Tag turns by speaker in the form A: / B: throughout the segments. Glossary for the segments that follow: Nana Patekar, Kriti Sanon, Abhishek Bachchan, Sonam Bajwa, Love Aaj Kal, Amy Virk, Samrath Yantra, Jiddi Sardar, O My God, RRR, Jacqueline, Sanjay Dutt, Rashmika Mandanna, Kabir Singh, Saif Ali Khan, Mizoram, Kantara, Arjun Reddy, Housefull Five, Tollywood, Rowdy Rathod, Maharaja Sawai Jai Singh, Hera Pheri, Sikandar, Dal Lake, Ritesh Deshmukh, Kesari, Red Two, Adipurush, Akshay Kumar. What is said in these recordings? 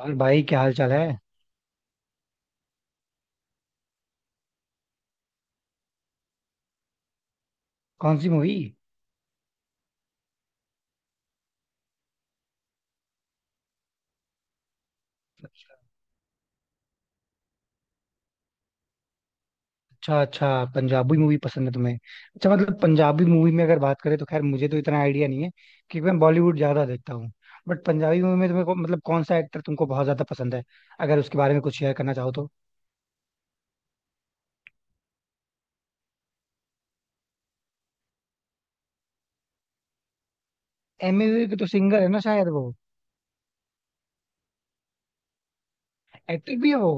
A: और भाई, क्या हाल चाल है? कौन सी मूवी? अच्छा, अच्छा. पंजाबी मूवी पसंद है तुम्हें? अच्छा, मतलब पंजाबी मूवी में अगर बात करें तो खैर मुझे तो इतना आइडिया नहीं है, क्योंकि मैं बॉलीवुड ज्यादा देखता हूँ. बट पंजाबी मूवी में तुम्हें मतलब कौन सा एक्टर तुमको बहुत ज्यादा पसंद है, अगर उसके बारे में कुछ शेयर करना चाहो तो. एमी विर्क के तो सिंगर है ना शायद वो. एक्टर भी है वो?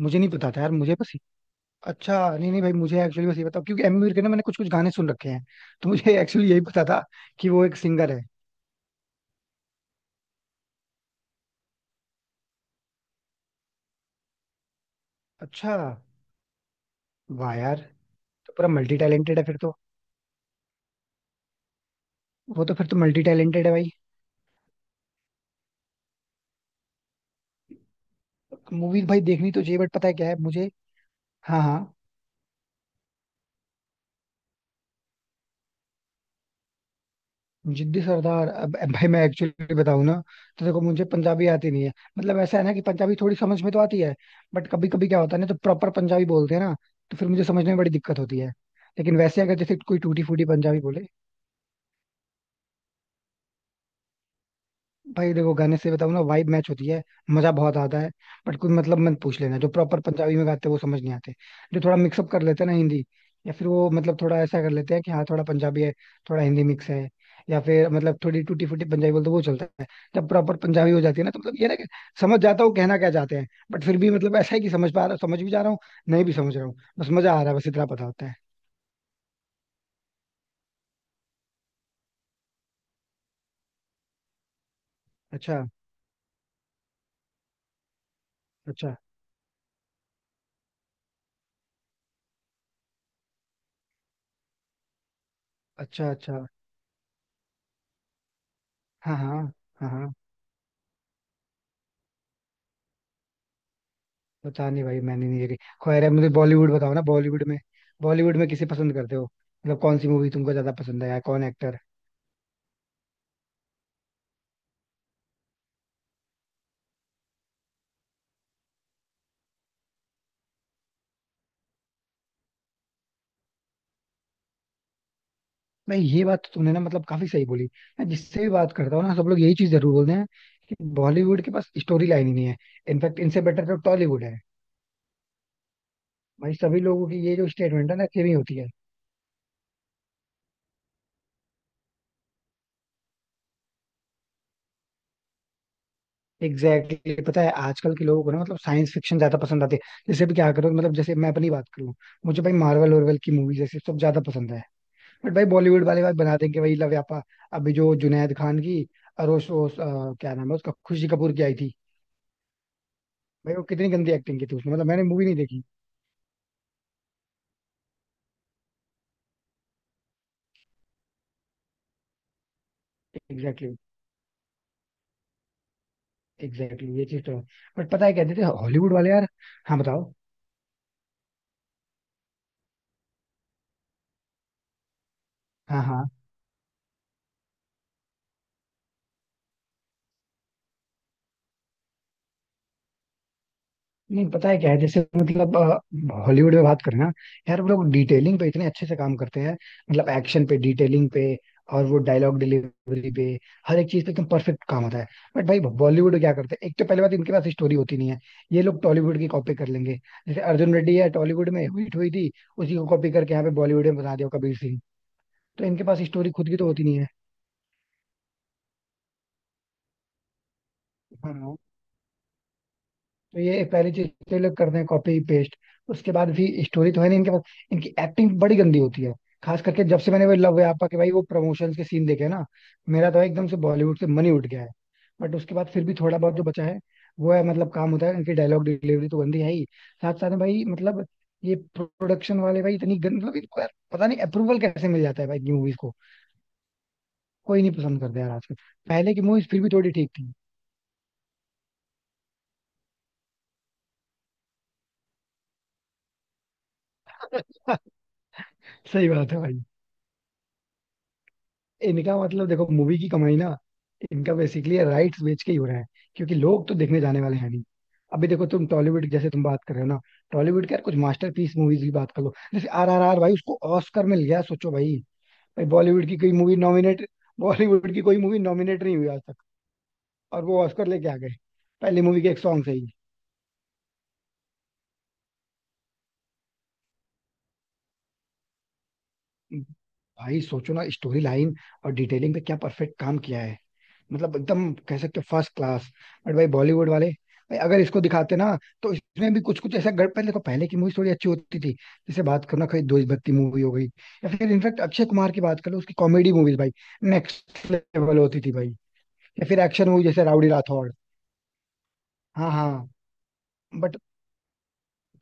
A: मुझे नहीं पता था यार, मुझे बस. अच्छा, नहीं नहीं भाई, मुझे एक्चुअली बस ये बताओ, क्योंकि एमी विर्क के ना मैंने कुछ कुछ गाने सुन रखे हैं. तो मुझे एक्चुअली यही पता था कि वो एक सिंगर है. अच्छा. वाह यार. तो पूरा मल्टी टैलेंटेड है फिर तो. वो तो फिर तो मल्टी टैलेंटेड है भाई. मूवीज भाई देखनी तो चाहिए, बट पता है क्या है मुझे. हाँ, हाँ. जिद्दी सरदार. अब भाई मैं एक्चुअली बताऊँ ना, तो देखो, मुझे पंजाबी आती नहीं है. मतलब ऐसा है ना कि पंजाबी थोड़ी समझ में तो आती है, बट कभी कभी क्या होता है ना, तो प्रॉपर पंजाबी बोलते हैं ना, तो फिर मुझे समझने में बड़ी दिक्कत होती है. लेकिन वैसे अगर जैसे कोई टूटी फूटी पंजाबी बोले. भाई देखो, गाने से बताऊं ना, वाइब मैच होती है. मजा बहुत आता है. बट कोई मतलब मत पूछ लेना, जो प्रॉपर पंजाबी में गाते हैं वो समझ नहीं आते. जो थोड़ा मिक्सअप कर लेते हैं ना हिंदी, या फिर वो मतलब थोड़ा ऐसा कर लेते हैं कि हाँ थोड़ा पंजाबी है, थोड़ा हिंदी मिक्स है, या फिर मतलब थोड़ी टूटी फूटी पंजाबी बोलते हैं, वो चलता है. जब प्रॉपर पंजाबी हो जाती है ना तो मतलब ये ना कि समझ जाता हूँ कहना क्या चाहते हैं, बट फिर भी मतलब ऐसा है कि समझ पा रहा, समझ भी जा रहा हूँ, नहीं भी समझ रहा हूँ, बस मजा आ रहा है, बस इतना पता होता है. अच्छा, अच्छा, अच्छा, अच्छा. हाँ, हाँ, हाँ, हाँ. पता नहीं भाई, मैंने नहीं देखी. खैर है, मुझे बॉलीवुड बताओ ना, बॉलीवुड में. बॉलीवुड में किसे पसंद करते हो, मतलब कौन सी मूवी तुमको ज्यादा पसंद है या कौन एक्टर? मैं, ये बात तो तुमने ना मतलब काफी सही बोली. मैं जिससे भी बात करता हूँ ना, सब लोग यही चीज जरूर बोलते हैं कि बॉलीवुड के पास स्टोरी लाइन ही नहीं है. इनफैक्ट इनसे बेटर तो टॉलीवुड है. भाई सभी लोगों की ये जो स्टेटमेंट है ना, सेम ही होती है. Exactly exactly. पता है आजकल के लोगों को ना मतलब साइंस फिक्शन ज्यादा पसंद आती है. जैसे भी क्या करो, मतलब जैसे मैं अपनी बात करूँ, मुझे भाई मार्वल वार्वल की मूवीज ऐसे सब ज्यादा पसंद है. बट भाई बॉलीवुड वाले भाई बना देंगे वही लव यापा. अभी जो जुनैद खान की और उस क्या नाम है उसका, खुशी कपूर की आई थी. भाई वो कितनी गंदी एक्टिंग की थी उसमें, मतलब मैंने मूवी नहीं देखी. एग्जैक्टली. एग्जैक्टली, ये चीज तो है. बट पता है कहते थे हॉलीवुड वाले यार. हाँ बताओ. हाँ, हाँ. नहीं, पता है क्या है, जैसे मतलब हॉलीवुड में बात करें ना, यार वो लोग डिटेलिंग पे इतने अच्छे से काम करते हैं, मतलब एक्शन पे, डिटेलिंग पे, और वो डायलॉग डिलीवरी पे, हर एक चीज पे एकदम परफेक्ट काम होता है. बट भाई बॉलीवुड में क्या करते हैं, एक तो पहले बात इनके पास स्टोरी होती नहीं है. ये लोग टॉलीवुड की कॉपी कर लेंगे. जैसे अर्जुन रेड्डी है, टॉलीवुड में हिट हुई थी, उसी को कॉपी करके यहाँ पे बॉलीवुड में बना दिया कबीर सिंह. तो इनके पास स्टोरी खुद की तो होती नहीं है. तो ये पहली चीज तो ये लोग करते हैं, कॉपी पेस्ट. उसके बाद भी स्टोरी तो है नहीं इनके पास. इनकी एक्टिंग बड़ी गंदी होती है, खास करके जब से मैंने वो लव है आपा के भाई वो प्रमोशंस के सीन देखे ना, मेरा तो एकदम से बॉलीवुड से मन ही उठ गया है. बट उसके बाद फिर भी थोड़ा बहुत जो बचा है, वो है मतलब काम होता है, इनकी डायलॉग डिलीवरी तो गंदी है ही, साथ साथ में भाई मतलब ये प्रोडक्शन वाले भाई इतनी गंद, मतलब इनको यार पता नहीं अप्रूवल कैसे मिल जाता है भाई मूवीज को. कोई नहीं पसंद करता यार आजकल. पहले की मूवीज फिर भी थोड़ी ठीक थी. सही बात है भाई. इनका मतलब देखो मूवी की कमाई ना, इनका बेसिकली राइट्स बेच के ही हो रहा है, क्योंकि लोग तो देखने जाने वाले हैं नहीं. अभी देखो तुम टॉलीवुड, जैसे तुम बात कर रहे हो ना, टॉलीवुड के यार कुछ मास्टरपीस मूवीज की बात कर लो, जैसे आर आर आर, भाई उसको ऑस्कर मिल गया, सोचो भाई. भाई बॉलीवुड की कोई मूवी नॉमिनेट, बॉलीवुड की कोई मूवी नॉमिनेट नहीं हुई आज तक, और वो ऑस्कर लेके आ गए पहली मूवी के एक सॉन्ग से ही. भाई सोचो ना, स्टोरी लाइन और डिटेलिंग पे क्या परफेक्ट काम किया है. मतलब एकदम कह सकते हो फर्स्ट क्लास. बट भाई बॉलीवुड वाले, भाई अगर इसको दिखाते ना, तो इसमें भी कुछ कुछ ऐसा गड़. पहले देखो, पहले की मूवी थोड़ी अच्छी होती थी, जैसे बात करो ना कोई देशभक्ति मूवी हो गई, या फिर इनफैक्ट अक्षय कुमार की बात करो, उसकी कॉमेडी मूवीज भाई नेक्स्ट लेवल होती थी भाई. या फिर एक्शन मूवी जैसे राउडी राठौड़. हाँ, हाँ. बट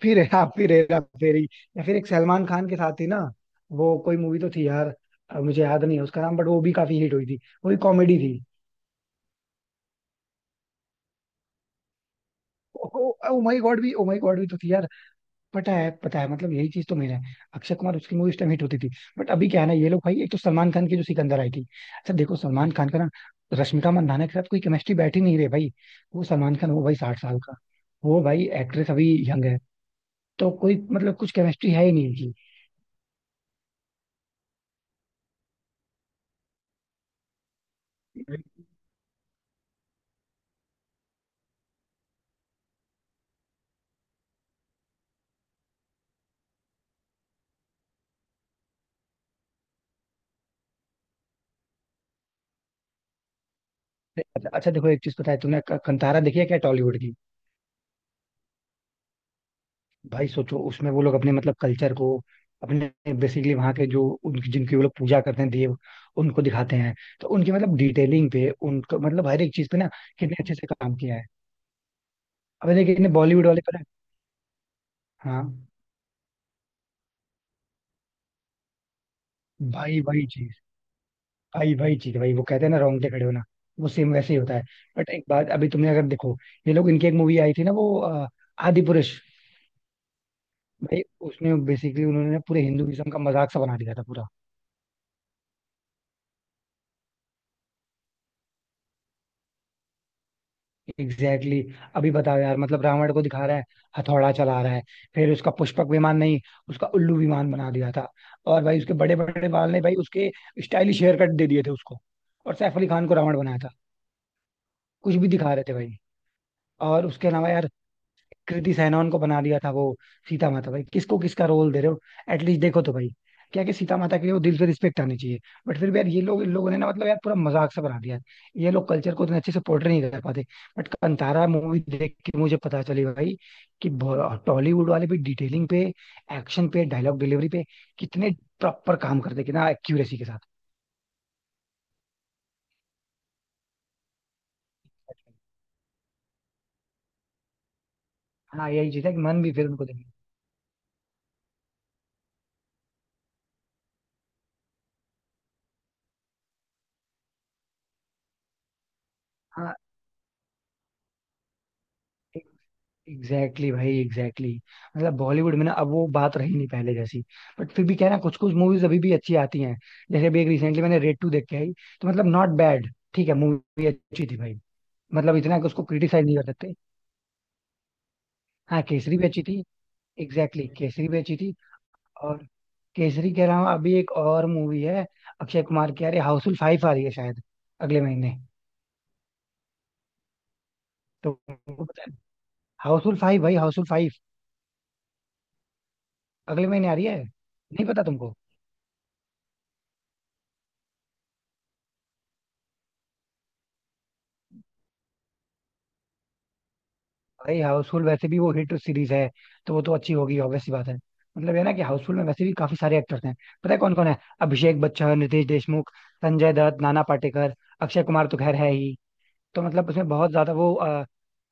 A: फिर हेरा फेरी. या फिर एक सलमान खान के साथ ही ना वो कोई मूवी तो थी यार, अब मुझे याद नहीं है उसका नाम, बट वो भी काफी हिट हुई थी, वो भी कॉमेडी थी. ओ माय गॉड भी, ओ माय गॉड भी तो थी यार. पता है, पता है, मतलब यही चीज तो मेरा है, अक्षय कुमार, उसकी मूवी उस टाइम हिट होती थी. बट अभी क्या है ना, ये लोग भाई एक तो सलमान खान की जो सिकंदर आई थी, अच्छा देखो सलमान खान का ना रश्मिका मंदाना के साथ कोई केमिस्ट्री बैठ ही नहीं रही भाई. वो सलमान खान वो भाई 60 साल का, वो भाई एक्ट्रेस अभी यंग है, तो कोई मतलब कुछ केमिस्ट्री है ही नहीं इनकी. अच्छा देखो एक चीज, पता है तुमने कंतारा देखी है क्या, टॉलीवुड की? भाई सोचो उसमें वो लोग अपने मतलब कल्चर को, अपने, बेसिकली वहाँ के जो उनकी जिनकी वो लोग पूजा करते हैं देव, उनको दिखाते हैं. तो उनकी मतलब डिटेलिंग पे, उनका मतलब हर एक चीज पे ना कितने अच्छे से काम किया है. अब देखिए कितने बॉलीवुड वाले पर. हाँ भाई वही चीज, भाई वही चीज, भाई वो कहते हैं ना रोंगटे खड़े होना, वो सेम वैसे ही होता है. बट एक बात, अभी तुमने अगर देखो, ये लोग, इनकी एक मूवी आई थी ना वो, आदि पुरुष. भाई उसमें बेसिकली उन्होंने पूरे हिंदुइज्म का मजाक सा बना दिया था पूरा. Exactly exactly. अभी बताओ यार, मतलब रावण को दिखा रहा है, हथौड़ा चला रहा है, फिर उसका पुष्पक विमान नहीं, उसका उल्लू विमान बना दिया था. और भाई उसके बड़े बड़े बाल ने, भाई उसके स्टाइलिश हेयर कट दे दिए थे उसको. और सैफ अली खान को रावण बनाया था. कुछ भी दिखा रहे थे भाई. और उसके अलावा यार कृति सैनन को बना दिया था वो सीता माता. भाई किसको किसका रोल दे रहे हो? एटलीस्ट देखो तो भाई, क्या है कि सीता माता के लिए वो दिल से रिस्पेक्ट आनी चाहिए. बट फिर भी यार ये लोग, इन लोगों ने ना मतलब यार पूरा मजाक सा बना दिया. ये लोग कल्चर को इतने अच्छे से पोर्ट्रे नहीं कर पाते. बट कंतारा मूवी देख के मुझे पता चली भाई कि टॉलीवुड वाले भी डिटेलिंग पे, एक्शन पे, डायलॉग डिलीवरी पे कितने प्रॉपर काम करते, कितना एक्यूरेसी के साथ. हाँ यही चीज है कि मन भी फिर उनको देंगे. हाँ. एग्जैक्टली exactly भाई, एग्जैक्टली exactly. मतलब बॉलीवुड में ना अब वो बात रही नहीं पहले जैसी, बट फिर भी क्या है ना कुछ कुछ मूवीज अभी भी अच्छी आती हैं. जैसे अभी एक रिसेंटली मैंने रेड 2 देख के आई, तो मतलब नॉट बैड, ठीक है, मूवी अच्छी थी भाई. मतलब इतना कि उसको क्रिटिसाइज नहीं कर सकते. हाँ केसरी भी अच्छी थी. एग्जैक्टली exactly, केसरी भी अच्छी थी. और केसरी के अलावा अभी एक और मूवी है अक्षय कुमार की, यार हाउसफुल 5 आ रही है शायद अगले महीने. तो हाउसफुल 5 भाई, हाउसफुल 5. अगले महीने आ रही है, नहीं पता तुमको? भाई हाउसफुल वैसे भी वो हिट सीरीज है, तो वो तो अच्छी होगी ऑब्वियस सी बात है, मतलब ये ना कि हाउसफुल में वैसे भी काफी सारे एक्टर्स हैं. पता है कौन कौन है? अभिषेक बच्चन, रितेश देशमुख, संजय दत्त, नाना पाटेकर, अक्षय कुमार तो खैर है ही. तो मतलब उसमें बहुत ज्यादा वो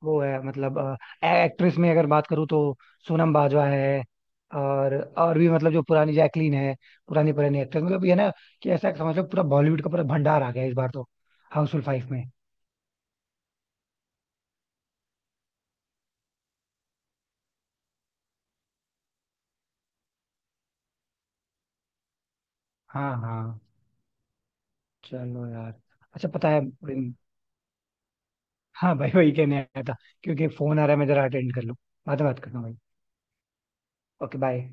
A: वो है मतलब, एक्ट्रेस में अगर बात करूँ तो सोनम बाजवा है, और भी मतलब जो पुरानी जैकलीन है, पुरानी पुरानी एक्ट्रेस मतलब ये ना कि ऐसा समझ लो पूरा बॉलीवुड का पूरा भंडार आ गया इस बार तो हाउसफुल फाइव में. हाँ, हाँ. चलो यार. अच्छा, पता है, हाँ भाई, वही कहने आया था, क्योंकि फोन आ रहा है, मैं जरा अटेंड कर लूँ. बाद में बात करता हूँ भाई. Okay bye.